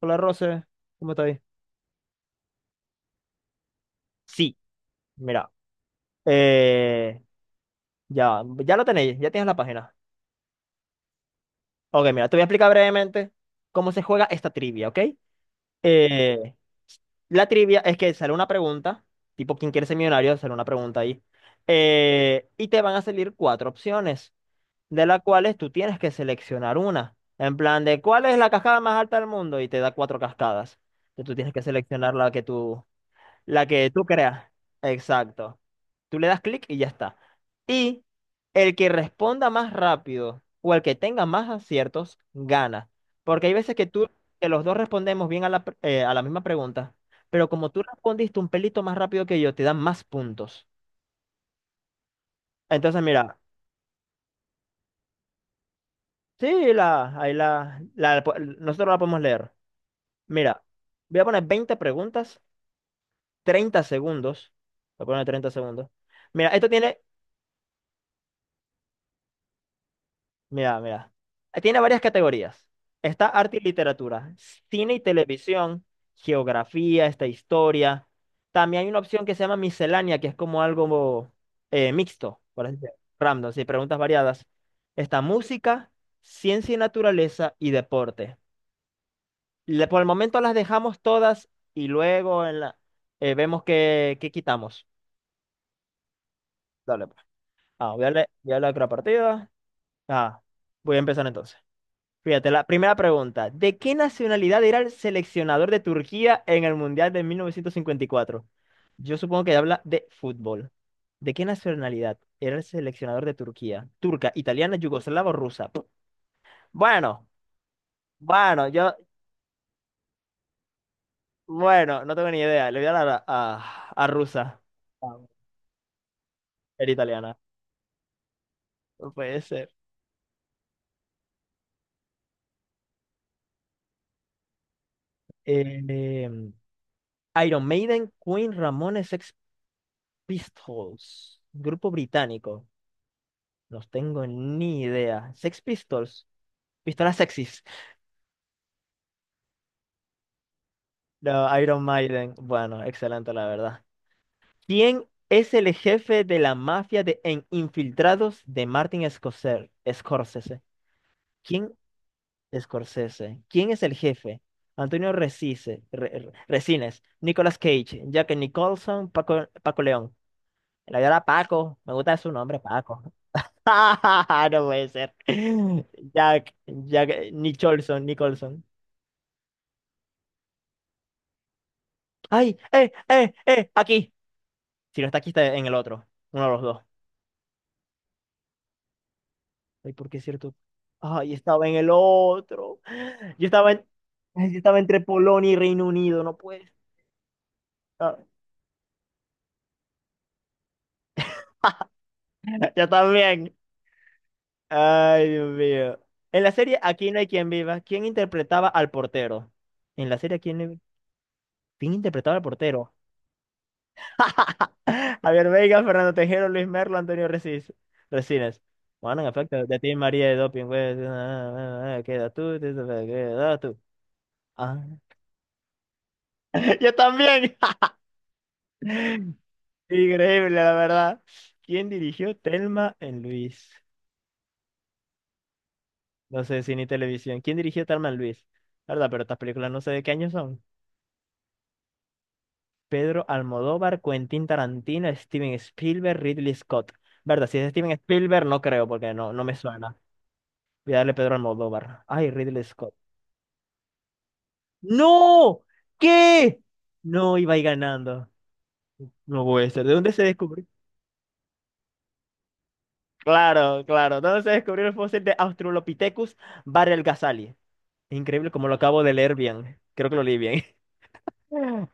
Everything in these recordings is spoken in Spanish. Hola, Rose, ¿cómo estáis? Sí, mira, eh, ya, ya lo tenéis, ya tienes la página. Ok, mira, te voy a explicar brevemente cómo se juega esta trivia, ¿ok? Eh, la trivia es que sale una pregunta, tipo ¿quién quiere ser millonario? Sale una pregunta ahí, y te van a salir cuatro opciones, de las cuales tú tienes que seleccionar una, en plan de ¿cuál es la cascada más alta del mundo? Y te da cuatro cascadas. Entonces tú tienes que seleccionar la que tú creas. Exacto. Tú le das clic y ya está. Y el que responda más rápido o el que tenga más aciertos gana. Porque hay veces que tú, que los dos respondemos bien a a la misma pregunta, pero como tú respondiste un pelito más rápido que yo, te dan más puntos. Entonces, mira, sí, la, ahí la, la- nosotros la podemos leer. Mira, voy a poner 20 preguntas, 30 segundos. Voy a poner 30 segundos. Mira, esto tiene. Mira, mira. Tiene varias categorías. Está arte y literatura, cine y televisión, geografía, esta historia. También hay una opción que se llama miscelánea, que es como algo mixto, por así decirlo, random, sí, preguntas variadas. Está música, ciencia y naturaleza y deporte. Por el momento las dejamos todas y luego en vemos qué, qué quitamos. Dale, pues. Ah, voy a darle a otra partida. Ah, voy a empezar entonces. Fíjate, la primera pregunta. ¿De qué nacionalidad era el seleccionador de Turquía en el Mundial de 1954? Yo supongo que habla de fútbol. ¿De qué nacionalidad era el seleccionador de Turquía? ¿Turca, italiana, yugoslava o rusa? Bueno, bueno, yo, bueno, no tengo ni idea. Le voy a dar a rusa. Ah, era italiana. No puede ser. Eh, em, Iron Maiden, Queen, Ramones, Sex Pistols. Grupo británico. No tengo ni idea. Sex Pistols. Pistolas sexys. No, Iron Maiden. Bueno, excelente, la verdad. ¿Quién es el jefe de la mafia de en Infiltrados de Martin Scorsese? Scorsese. ¿Quién? Scorsese. ¿Quién es el jefe? Antonio Resise, Resines, Nicolas Cage, Jack Nicholson, Paco, Paco León. La verdad, Paco. Me gusta su nombre, Paco. No puede ser. Jack Nicholson, Nicholson. ¡Ay! ¡Eh! ¡Eh! ¡Eh! Aquí. Si no está aquí, está en el otro. Uno de los dos. Ay, ¿por qué es cierto? Ay, estaba en el otro. Yo estaba en... ay, yo estaba entre Polonia y Reino Unido, no puede ser. Yo también. Ay, Dios mío. En la serie Aquí no hay quien viva, ¿quién interpretaba al portero? En la serie Aquí no hay... ¿Quién interpretaba al portero? Javier Veiga, Fernando Tejero, Luis Merlo, Antonio Recis, Resines. Bueno, en efecto, de ti María de Doping, güey. Queda tú, queda tú. Ah. Yo también. Increíble, la verdad. ¿Quién dirigió Telma en Luis? No sé, cine y televisión. ¿Quién dirigió Telma en Luis? La ¿verdad? Pero estas películas no sé de qué año son. Pedro Almodóvar, Quentin Tarantino, Steven Spielberg, Ridley Scott. ¿Verdad? Si es Steven Spielberg, no creo, porque no, no me suena. Voy a darle Pedro Almodóvar. Ay, Ridley Scott. No, ¿qué? No iba a ir ganando. No puede ser. ¿De dónde se descubrió? Claro, claro. ¿Dónde se descubrió el fósil de Australopithecus Barelgazali? Increíble como lo acabo de leer bien. Creo que lo leí bien.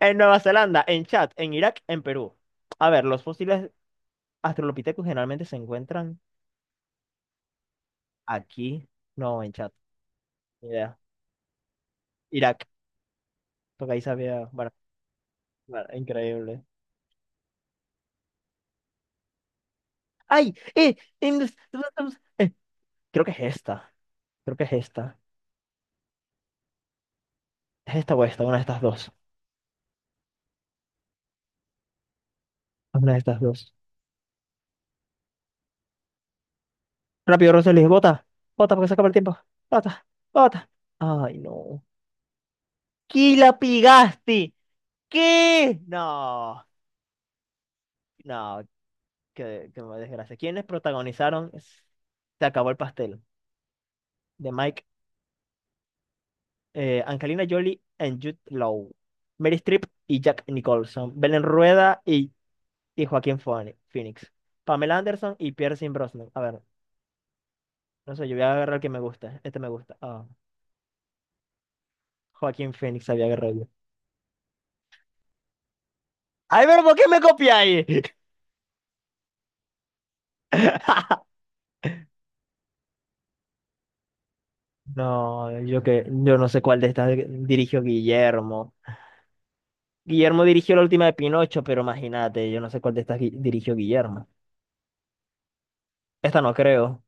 En Nueva Zelanda, en Chad, en Irak, en Perú. A ver, los fósiles Australopithecus generalmente se encuentran aquí. No, en Chad. Ni idea. Irak. Porque ahí sabía. Bueno, bueno, increíble. ¡Ay! ¡Eh! Eh, creo que es esta. Creo que es esta. Es esta o esta, una de estas dos. Una de estas dos. Rápido, Roseli, bota. Bota porque se acaba el tiempo. Bota, bota. Ay, no. ¿Qué la pigaste? ¿Qué? No, no, qué, qué desgracia. ¿Quiénes protagonizaron Se acabó el pastel? De Mike, Angelina Jolie and Jude Law. Mary Streep y Jack Nicholson. Y Phoenix. Pamela Anderson y Pierce Brosnan. A ver, no sé, yo voy a agarrar el que me gusta. Este me gusta. Ah. Joaquín Phoenix había agarrado. Ay, pero ¿por qué me copiáis? No, yo no sé cuál de estas dirigió Guillermo. Guillermo dirigió la última de Pinocho, pero imagínate, yo no sé cuál de estas dirigió Guillermo. Esta no creo.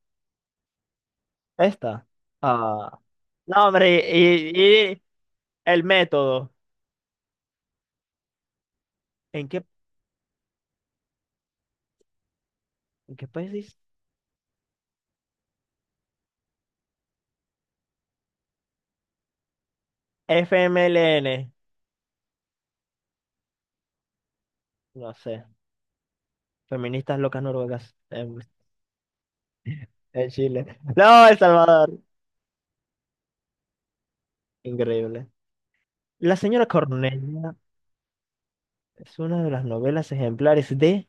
Esta. Ah. No, hombre, y, y el método. ¿En qué, en qué país dice? FMLN. No sé. Feministas locas noruegas en Chile. No, El Salvador. Increíble. La señora Cornelia. Es una de las novelas ejemplares de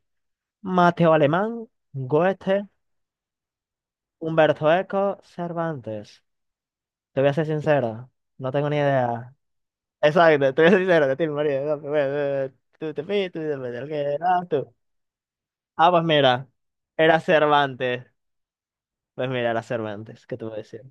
Mateo Alemán, Goethe, Humberto Eco, Cervantes. Te voy a ser sincero, no tengo ni idea. Exacto, te voy a ser sincero, te tengo ni idea. Bueno, tú te fuiste, tú te fuiste, el que eras tú. Ah, pues mira, era Cervantes. Pues mira, era Cervantes, ¿qué te voy a decir?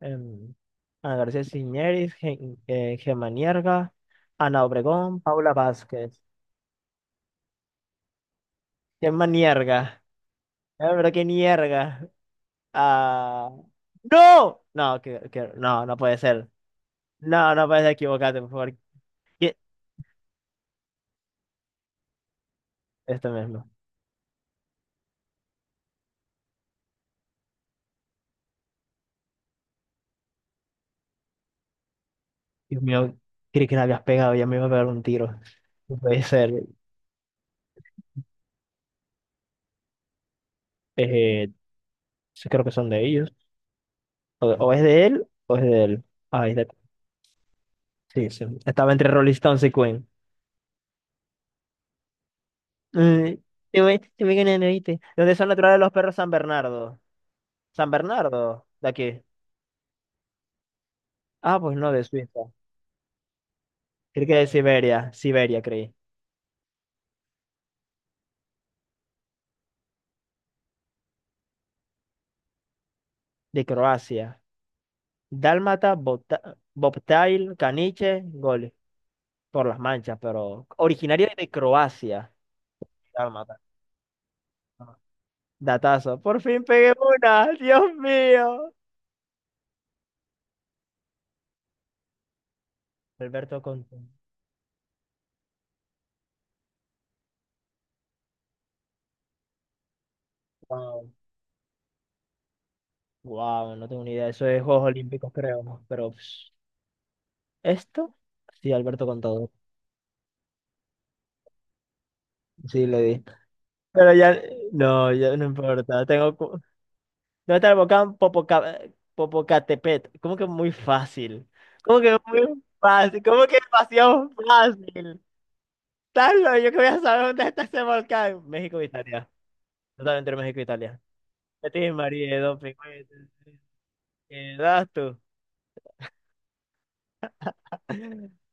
Em, Ana García Ciñeris, Gemma Nierga, Ana Obregón, Paula Vázquez. Gemma Nierga. Pero qué nierga. Ah, ¡no! No, no, no puede ser. No, no puede ser equivocarte, por favor. ¿Qué? Esto mismo. Dios mío, creí que la habías pegado, ya me iba a pegar un tiro. No puede ser. Eh, sí, creo que son de ellos. O es de él, o es de él. Ay, de- sí, sí. Estaba entre Rolling Stones y Queen. Mm, te voy ganando, ¿viste? ¿Dónde son naturales los perros San Bernardo? San Bernardo, de aquí. Ah, pues no, de Suiza. Creí que de Siberia, Siberia, creí. De Croacia. Dálmata, bobtail, caniche, gole, por las manchas, pero originario de Croacia. Dálmata. Ajá. Datazo. Por fin pegué una. Dios mío. Alberto Conte. Wow. Wow, no tengo ni idea. Eso es Juegos Olímpicos, creo. ¿No? Pero pss, esto, sí, Alberto con todo. Sí, le di. Pero ya, no, ya no importa. Tengo, cu- ¿dónde está el volcán Popocatépetl? ¿Cómo que muy fácil? ¿Cómo que muy fácil? ¿Cómo que demasiado fácil? Carlos, yo que voy a saber dónde está ese volcán. México e Italia. Totalmente entre México e Italia. Betis, María, Don pingüe. ¿Qué das tú?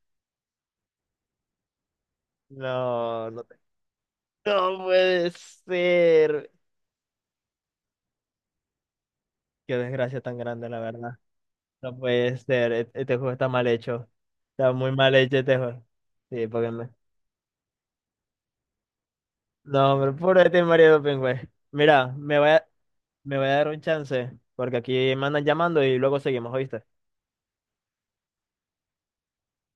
No, no, no puede ser. Qué desgracia tan grande, la verdad. No puede ser. Este juego está mal hecho. Está muy mal hecho este juego. Sí, porque me... No, hombre, puro Betis, María, Don Pingüe. Mira, me voy a dar un chance. Porque aquí me andan llamando y luego seguimos, ¿oíste?